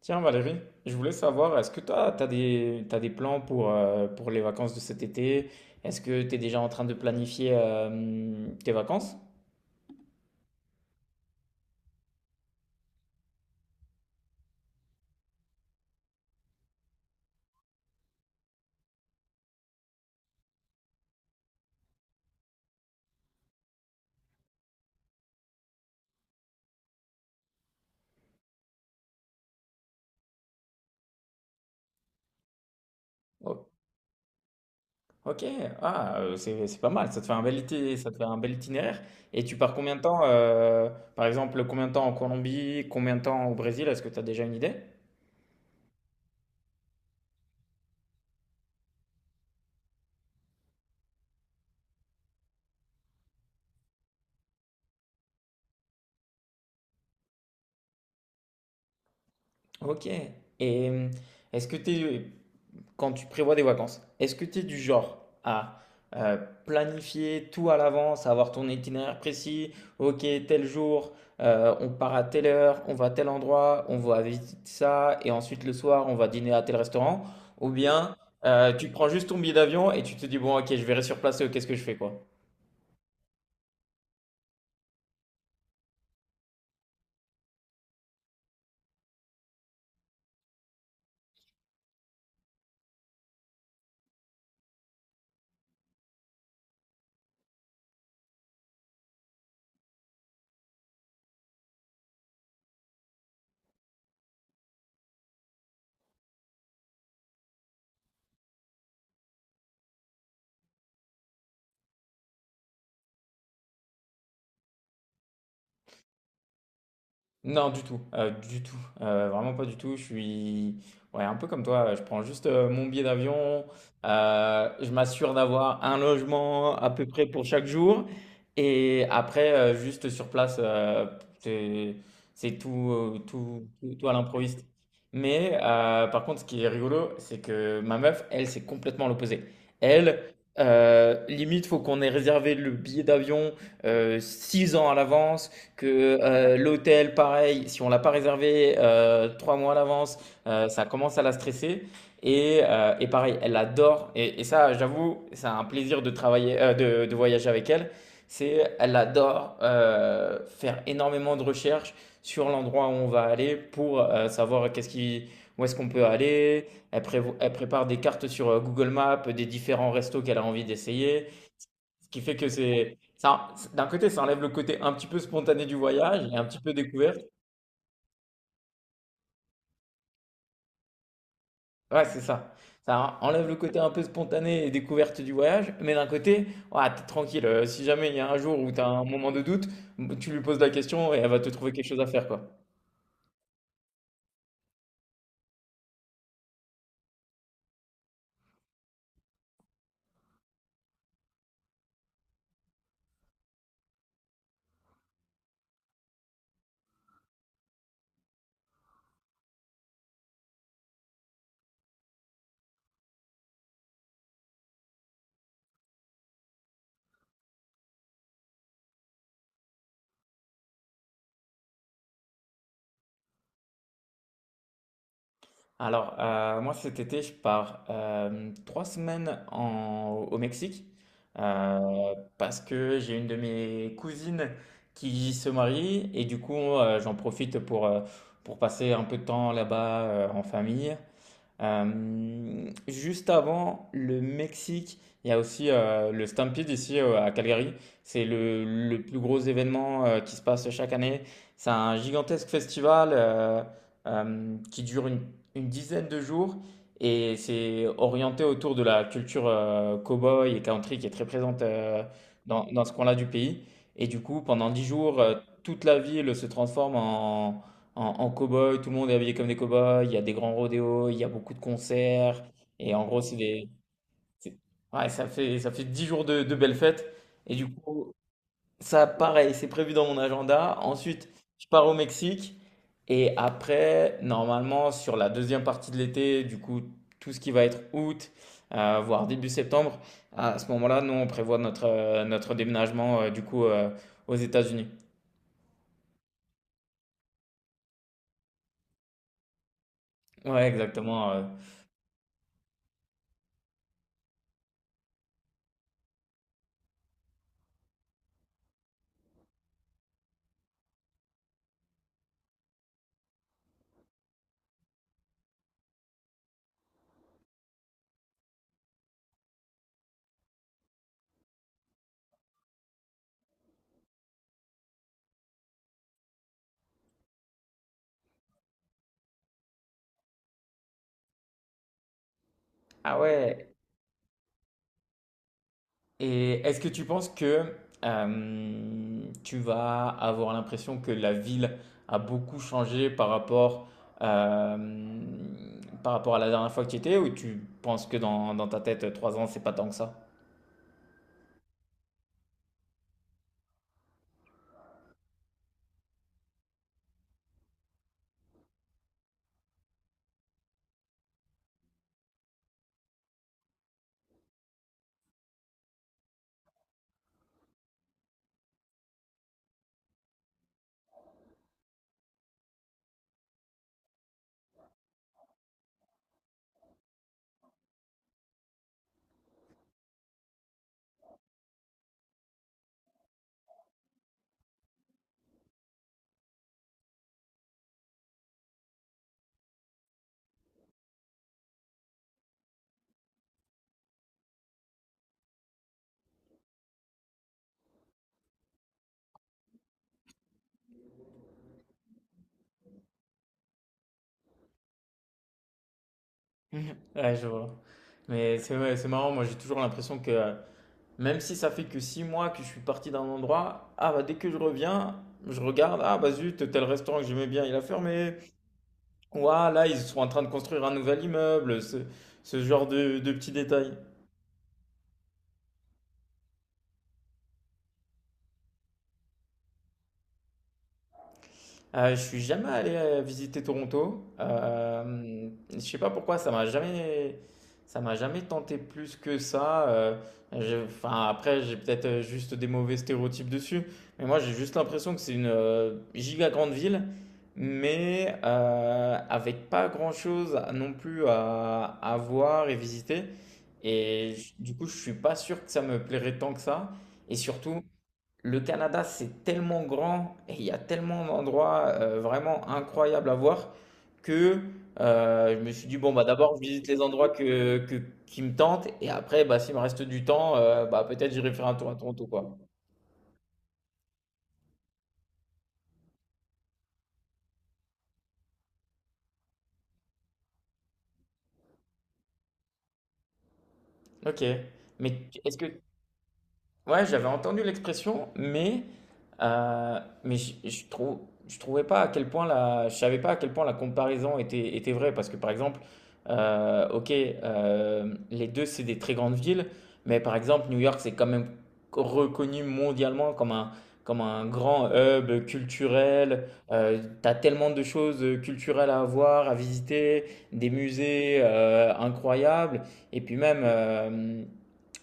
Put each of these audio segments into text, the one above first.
Tiens Valérie, je voulais savoir, est-ce que toi, t'as des plans pour les vacances de cet été? Est-ce que tu es déjà en train de planifier tes vacances? Oh, ok, ah, c'est pas mal, ça te fait un bel été, ça te fait un bel itinéraire. Et tu pars combien de temps, par exemple, combien de temps en Colombie, combien de temps au Brésil? Est-ce que tu as déjà une idée? Ok. Et est-ce que tu quand tu prévois des vacances, est-ce que tu es du genre à euh, planifier tout à l'avance, avoir ton itinéraire précis, ok, tel jour, on part à telle heure, on va à tel endroit, on va visiter ça, et ensuite le soir, on va dîner à tel restaurant, ou bien tu prends juste ton billet d'avion et tu te dis, bon, ok, je verrai sur place, qu'est-ce que je fais, quoi. Non, du tout, vraiment pas du tout. Je suis ouais, un peu comme toi, je prends juste, mon billet d'avion, je m'assure d'avoir un logement à peu près pour chaque jour et après, juste sur place, c'est c'est tout, tout tout tout à l'improviste. Mais par contre, ce qui est rigolo, c'est que ma meuf, elle, c'est complètement l'opposé. Elle, limite, faut qu'on ait réservé le billet d'avion, 6 ans à l'avance, que l'hôtel, pareil, si on l'a pas réservé trois mois à l'avance, ça commence à la stresser. Et, et pareil, elle adore. Et ça, j'avoue, c'est un plaisir de travailler, de voyager avec elle. Elle adore faire énormément de recherches sur l'endroit où on va aller pour savoir qu'est-ce qui, où est-ce qu'on peut aller. Elle prépare des cartes sur Google Maps des différents restos qu'elle a envie d'essayer. Ce qui fait que ça, d'un côté, ça enlève le côté un petit peu spontané du voyage et un petit peu découverte. Ouais, c'est ça. Ça enlève le côté un peu spontané et découverte du voyage, mais d'un côté, ouais, t'es tranquille. Si jamais il y a un jour où t'as un moment de doute, tu lui poses la question et elle va te trouver quelque chose à faire, quoi. Alors, moi cet été, je pars trois semaines au Mexique parce que j'ai une de mes cousines qui se marie et du coup, j'en profite pour passer un peu de temps là-bas en famille. Juste avant le Mexique, il y a aussi le Stampede ici à Calgary. C'est le plus gros événement qui se passe chaque année. C'est un gigantesque festival qui dure une dizaine de jours et c'est orienté autour de la culture boy et country qui est très présente dans ce coin-là du pays. Et du coup, pendant dix jours, toute la ville se transforme en cow-boy, tout le monde est habillé comme des cow-boys, il y a des grands rodéos, il y a beaucoup de concerts, et en gros, c'est- ouais, ça fait 10 jours de belles fêtes, et du coup, ça, pareil, c'est prévu dans mon agenda. Ensuite, je pars au Mexique, et après, normalement, sur la deuxième partie de l'été, du coup, tout ce qui va être août, voire début septembre, à ce moment-là, nous, on prévoit notre déménagement, du coup, aux États-Unis. Ouais, exactement. Ah ouais. Et est-ce que tu penses que tu vas avoir l'impression que la ville a beaucoup changé euh, par rapport à la dernière fois que tu y étais ou tu penses que dans ta tête, 3 ans, c'est pas tant que ça? Ouais, je vois. Mais c'est, ouais, c'est marrant, moi j'ai toujours l'impression que même si ça fait que 6 mois que je suis parti d'un endroit, ah bah dès que je reviens, je regarde, ah bah zut, tel restaurant que j'aimais bien, il a fermé. Ouah, là, ils sont en train de construire un nouvel immeuble, ce genre de petits détails. Je suis jamais allé visiter Toronto. Je sais pas pourquoi ça m'a jamais tenté plus que ça. Enfin après j'ai peut-être juste des mauvais stéréotypes dessus, mais moi j'ai juste l'impression que c'est une giga grande ville, mais avec pas grand-chose non plus à voir et visiter. Du coup je suis pas sûr que ça me plairait tant que ça. Et surtout le Canada, c'est tellement grand et il y a tellement d'endroits vraiment incroyables à voir que je me suis dit, bon, bah, d'abord, je visite les endroits que, qui me tentent et après, bah, s'il me reste du temps, bah, peut-être j'irai faire un tour à Toronto, quoi. Ok. Mais est-ce que Ouais, j'avais entendu l'expression, euh, mais je trouvais pas à quel point je savais pas à quel point la comparaison était vraie. Parce que par exemple, ok, les deux c'est des très grandes villes, mais par exemple, New York c'est quand même reconnu mondialement comme un grand hub culturel. T'as tellement de choses culturelles à voir, à visiter, des musées incroyables, et puis même.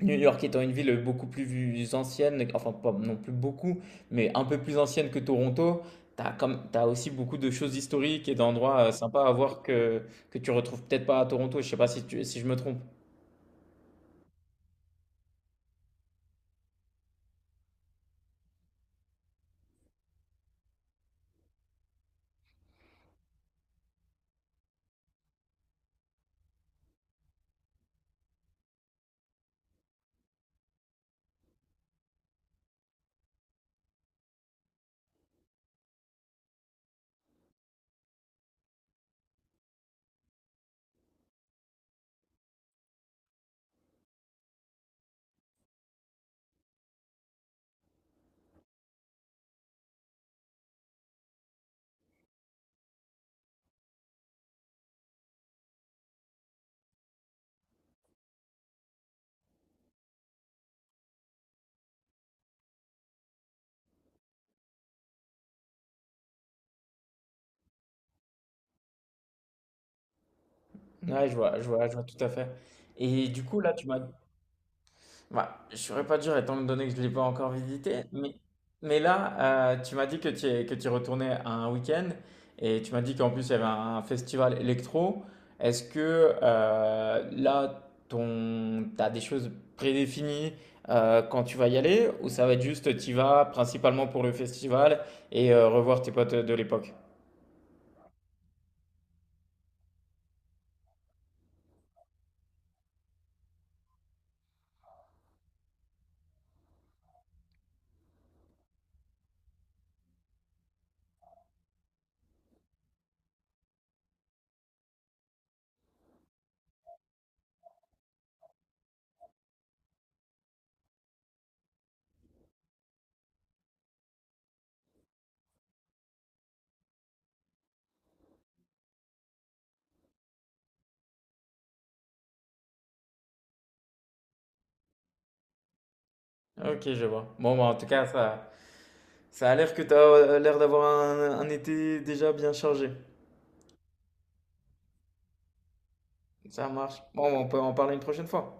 New York étant une ville beaucoup plus ancienne, enfin pas non plus beaucoup, mais un peu plus ancienne que Toronto, t'as aussi beaucoup de choses historiques et d'endroits sympas à voir que tu retrouves peut-être pas à Toronto. Je sais pas si je me trompe. Ouais, je vois, je vois, je vois tout à fait. Et du coup, là, tu m'as... Bah, je saurais pas dire étant donné que je ne l'ai pas encore visité, mais, là, tu m'as dit que tu retournais à un week-end et tu m'as dit qu'en plus il y avait un festival électro. Est-ce que là, t'as des choses prédéfinies quand tu vas y aller ou ça va être juste tu y vas principalement pour le festival et revoir tes potes de l'époque? Ok, je vois. Bon, bah, en tout cas, ça, a l'air que tu as l'air d'avoir un été déjà bien chargé. Ça marche. Bon, on peut en parler une prochaine fois.